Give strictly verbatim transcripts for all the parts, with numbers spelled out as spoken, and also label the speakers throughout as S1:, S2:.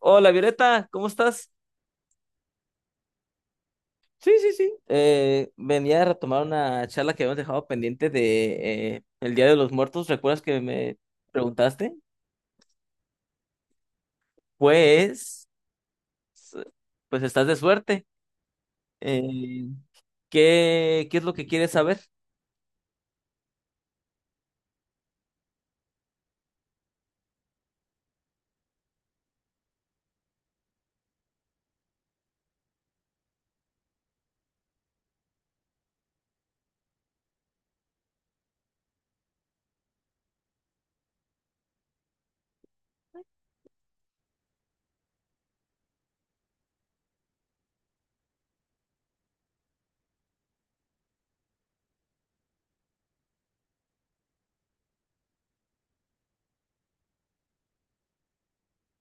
S1: Hola Violeta, ¿cómo estás? Sí, sí, sí. Eh, venía a retomar una charla que habíamos dejado pendiente de eh, el Día de los Muertos. ¿Recuerdas que me preguntaste? Pues, pues estás de suerte. Eh, ¿qué, qué es lo que quieres saber?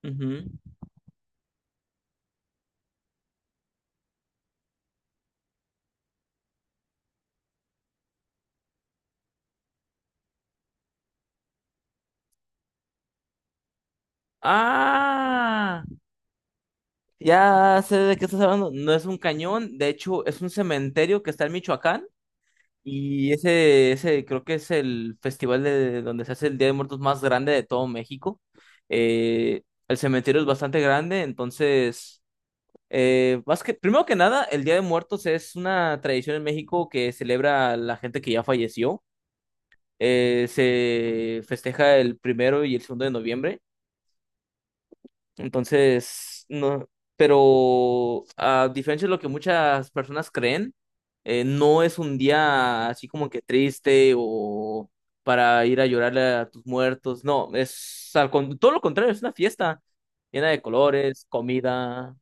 S1: Ujú. Ah, ya sé de qué estás hablando. No es un cañón, de hecho es un cementerio que está en Michoacán. Y ese, ese creo que es el festival de donde se hace el Día de Muertos más grande de todo México. Eh, el cementerio es bastante grande. Entonces, eh, más que, primero que nada, el Día de Muertos es una tradición en México que celebra a la gente que ya falleció. Eh, se festeja el primero y el segundo de noviembre. Entonces, no, pero a diferencia de lo que muchas personas creen, eh, no es un día así como que triste o para ir a llorarle a tus muertos. No, es al con- todo lo contrario, es una fiesta llena de colores, comida.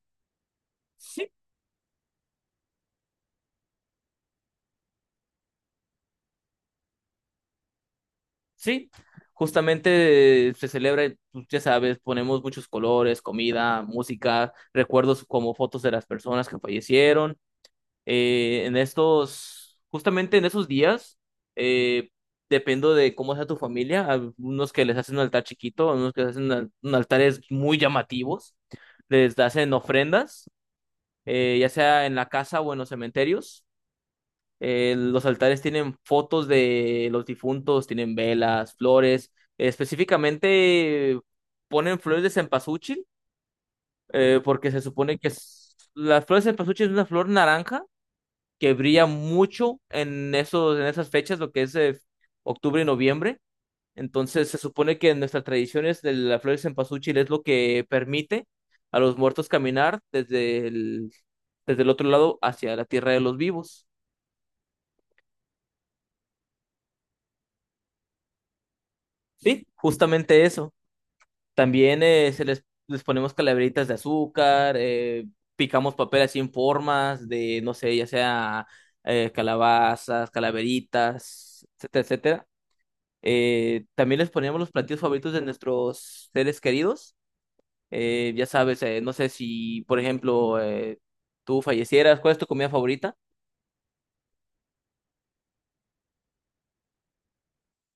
S1: Sí, sí. Justamente eh, se celebra, pues, ya sabes, ponemos muchos colores, comida, música, recuerdos como fotos de las personas que fallecieron. eh, en estos, justamente en esos días, eh, dependo de cómo sea tu familia, algunos que les hacen un altar chiquito, algunos que les hacen al- un altares muy llamativos, les hacen ofrendas, eh, ya sea en la casa o en los cementerios. Eh, los altares tienen fotos de los difuntos, tienen velas, flores, específicamente ponen flores de cempasúchil, eh, porque se supone que es- las flores de cempasúchil es una flor naranja que brilla mucho en esos, en esas fechas, lo que es eh, octubre y noviembre. Entonces se supone que en nuestras tradiciones de la flor de cempasúchil es lo que permite a los muertos caminar desde el, desde el otro lado hacia la tierra de los vivos. Sí, justamente eso. También eh, se les, les ponemos calaveritas de azúcar, eh, picamos papel así en formas de, no sé, ya sea eh, calabazas, calaveritas, etcétera, etcétera. Eh, también les poníamos los platillos favoritos de nuestros seres queridos. Eh, ya sabes, eh, no sé si, por ejemplo, eh, tú fallecieras, ¿cuál es tu comida favorita?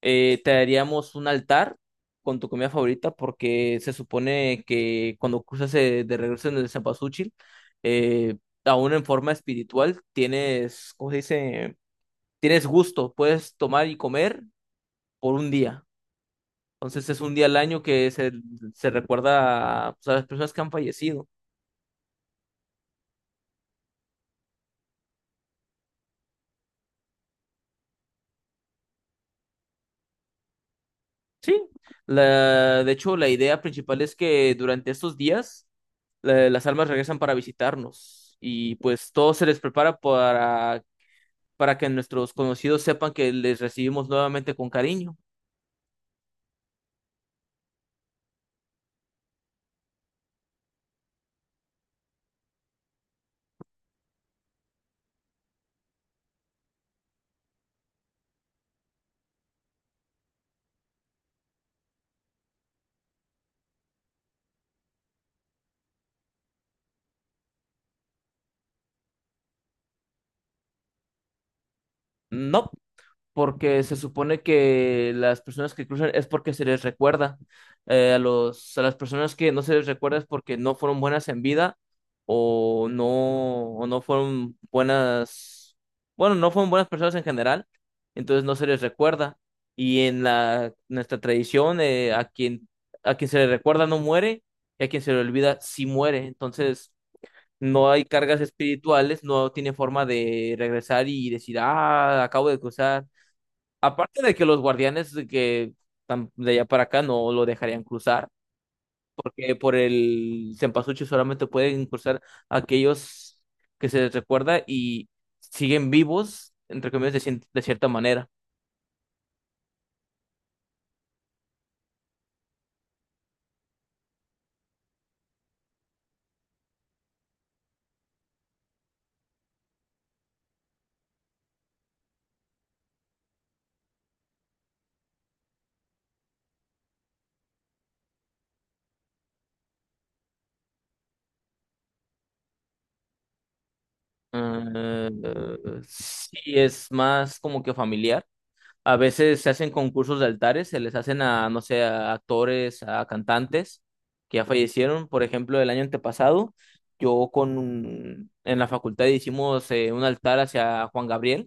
S1: Eh, te haríamos un altar con tu comida favorita porque se supone que cuando cruzas eh, de regreso en el Cempasúchil, eh, aún en forma espiritual, tienes, ¿cómo se dice? Tienes gusto, puedes tomar y comer por un día. Entonces es un día al año que se, se recuerda, pues, a las personas que han fallecido. Sí, la, de hecho, la idea principal es que durante estos días la- las almas regresan para visitarnos y pues todo se les prepara para, para que nuestros conocidos sepan que les recibimos nuevamente con cariño. No, porque se supone que las personas que cruzan es porque se les recuerda. Eh, a los, a las personas que no se les recuerda es porque no fueron buenas en vida, o no, o no fueron buenas, bueno, no fueron buenas personas en general, entonces no se les recuerda. Y en la, nuestra tradición, eh, a quien, a quien se le recuerda no muere, y a quien se le olvida sí muere. Entonces, no hay cargas espirituales, no tiene forma de regresar y decir, ah, acabo de cruzar. Aparte de que los guardianes de que tan- de allá para acá no lo dejarían cruzar, porque por el cempasúchil solamente pueden cruzar aquellos que se les recuerda y siguen vivos, entre comillas, de, cien- de cierta manera. Eh, sí, es más como que familiar. A veces se hacen concursos de altares, se les hacen a, no sé, a actores, a cantantes que ya fallecieron. Por ejemplo, el año antepasado, yo con un- en la facultad hicimos eh, un altar hacia Juan Gabriel.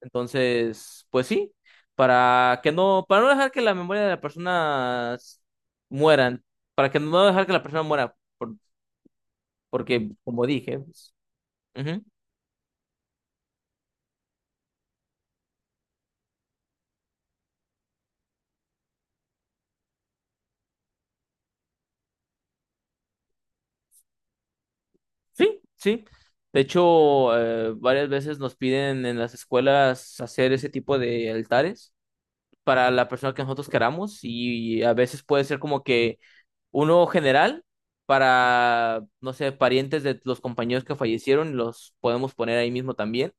S1: Entonces, pues sí, para que no, para no dejar que la memoria de la persona s- mueran, para que no dejar que la persona muera, por- porque como dije, pues. Sí, sí. De hecho, eh, varias veces nos piden en las escuelas hacer ese tipo de altares para la persona que nosotros queramos, y a veces puede ser como que uno general para, no sé, parientes de los compañeros que fallecieron, los podemos poner ahí mismo también.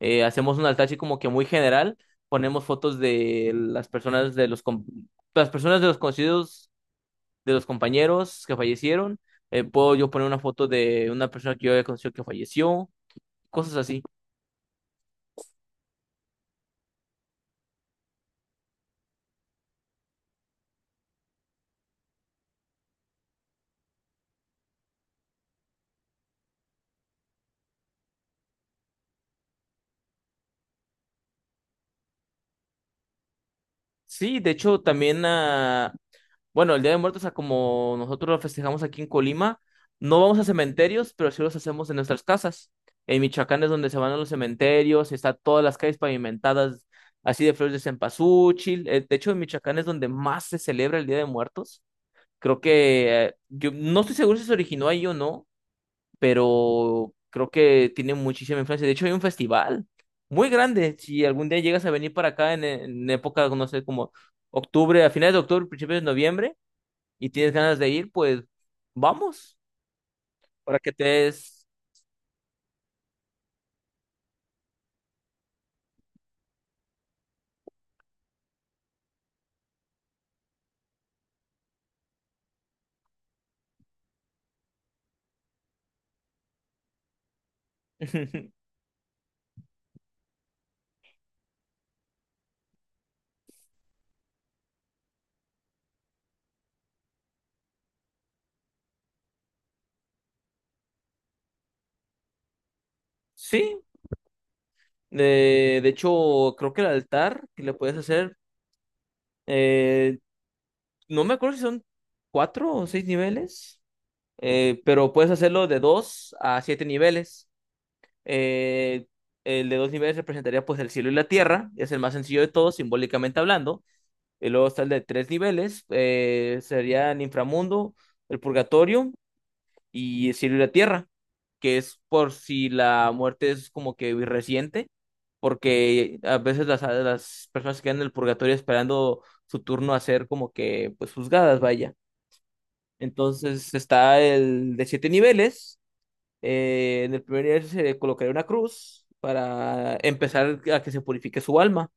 S1: Eh, hacemos un altar así como que muy general, ponemos fotos de las personas de los, com- las personas de los conocidos de los compañeros que fallecieron. Eh, puedo yo poner una foto de una persona que yo había conocido que falleció, cosas así. Sí, de hecho, también, ah, bueno, el Día de Muertos, ah, como nosotros lo festejamos aquí en Colima, no vamos a cementerios, pero sí los hacemos en nuestras casas. En Michoacán es donde se van a los cementerios, está todas las calles pavimentadas así de flores de cempasúchil. Eh, de hecho, en Michoacán es donde más se celebra el Día de Muertos. Creo que eh, yo no estoy seguro si se originó ahí o no, pero creo que tiene muchísima influencia. De hecho, hay un festival muy grande. Si algún día llegas a venir para acá en, en época, no sé, como octubre, a finales de octubre, principios de noviembre, y tienes ganas de ir, pues vamos, para que te des... Sí, eh, de hecho, creo que el altar que le puedes hacer, eh, no me acuerdo si son cuatro o seis niveles, eh, pero puedes hacerlo de dos a siete niveles. Eh, el de dos niveles representaría, pues, el cielo y la tierra, es el más sencillo de todos, simbólicamente hablando. Y luego está el de tres niveles, eh, sería el inframundo, el purgatorio y el cielo y la tierra, que es por si la muerte es como que reciente, porque a veces las, las personas se quedan en el purgatorio esperando su turno a ser como que, pues, juzgadas, vaya. Entonces está el de siete niveles. Eh, en el primer nivel se le colocaría una cruz para empezar a que se purifique su alma.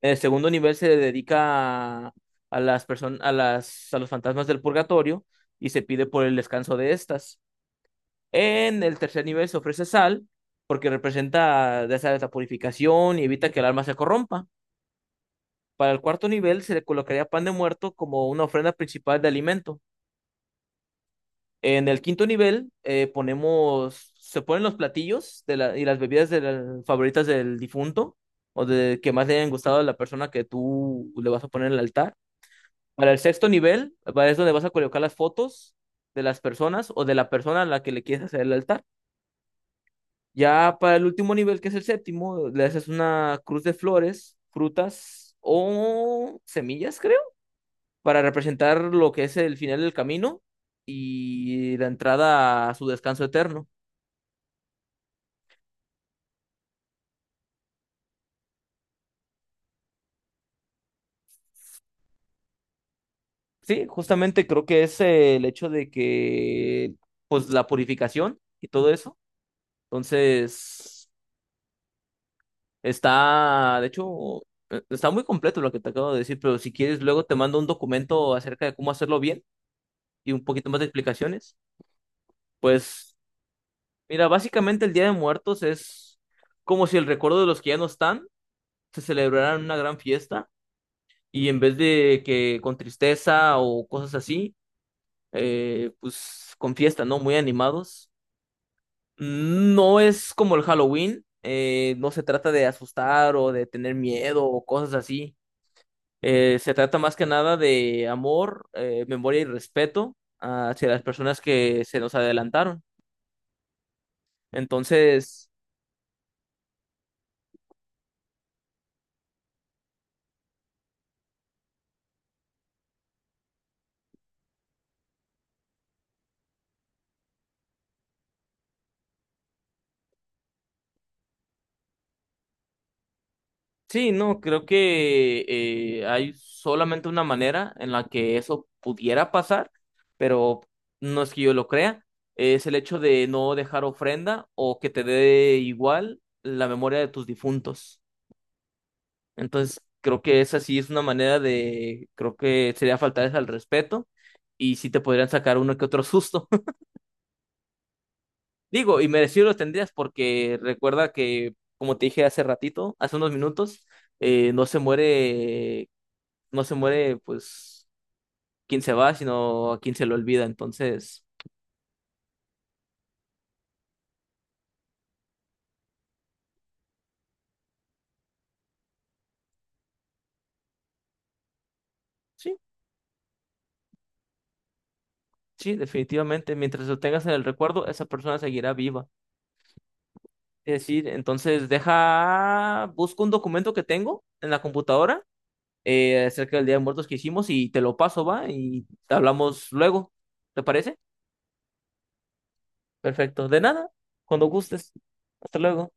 S1: En el segundo nivel se le dedica a, a las personas, a las, a los fantasmas del purgatorio, y se pide por el descanso de estas. En el tercer nivel se ofrece sal porque representa de esa esa purificación y evita que el alma se corrompa. Para el cuarto nivel se le colocaría pan de muerto como una ofrenda principal de alimento. En el quinto nivel, eh, ponemos, se ponen los platillos de la- y las bebidas de la- favoritas del difunto, o de que más le hayan gustado a la persona que tú le vas a poner en el altar. Para el sexto nivel, para es donde vas a colocar las fotos de las personas o de la persona a la que le quieres hacer el altar. Ya para el último nivel, que es el séptimo, le haces una cruz de flores, frutas o semillas, creo, para representar lo que es el final del camino y la entrada a su descanso eterno. Sí, justamente creo que es, eh, el hecho de que, pues, la purificación y todo eso. Entonces, está, de hecho, eh, está muy completo lo que te acabo de decir, pero si quieres, luego te mando un documento acerca de cómo hacerlo bien y un poquito más de explicaciones. Pues, mira, básicamente el Día de Muertos es como si el recuerdo de los que ya no están se celebrara en una gran fiesta, y en vez de que con tristeza o cosas así, eh, pues, con fiesta, ¿no? Muy animados. No es como el Halloween, eh, no se trata de asustar o de tener miedo o cosas así. Eh, se trata más que nada de amor, eh, memoria y respeto hacia las personas que se nos adelantaron. Entonces, sí, no, creo que eh, hay solamente una manera en la que eso pudiera pasar, pero no es que yo lo crea. Es el hecho de no dejar ofrenda o que te dé igual la memoria de tus difuntos. Entonces, creo que esa sí es una manera de, creo que sería faltarles al respeto y sí te podrían sacar uno que otro susto. Digo, y merecido los tendrías porque recuerda que, como te dije hace ratito, hace unos minutos, eh, no se muere, no se muere, pues, quien se va, sino a quien se lo olvida. Entonces, sí, sí, definitivamente, mientras lo tengas en el recuerdo, esa persona seguirá viva. Es decir, entonces deja, busco un documento que tengo en la computadora eh, acerca del Día de Muertos que hicimos y te lo paso, va, y hablamos luego. ¿Te parece? Perfecto. De nada, cuando gustes. Hasta luego.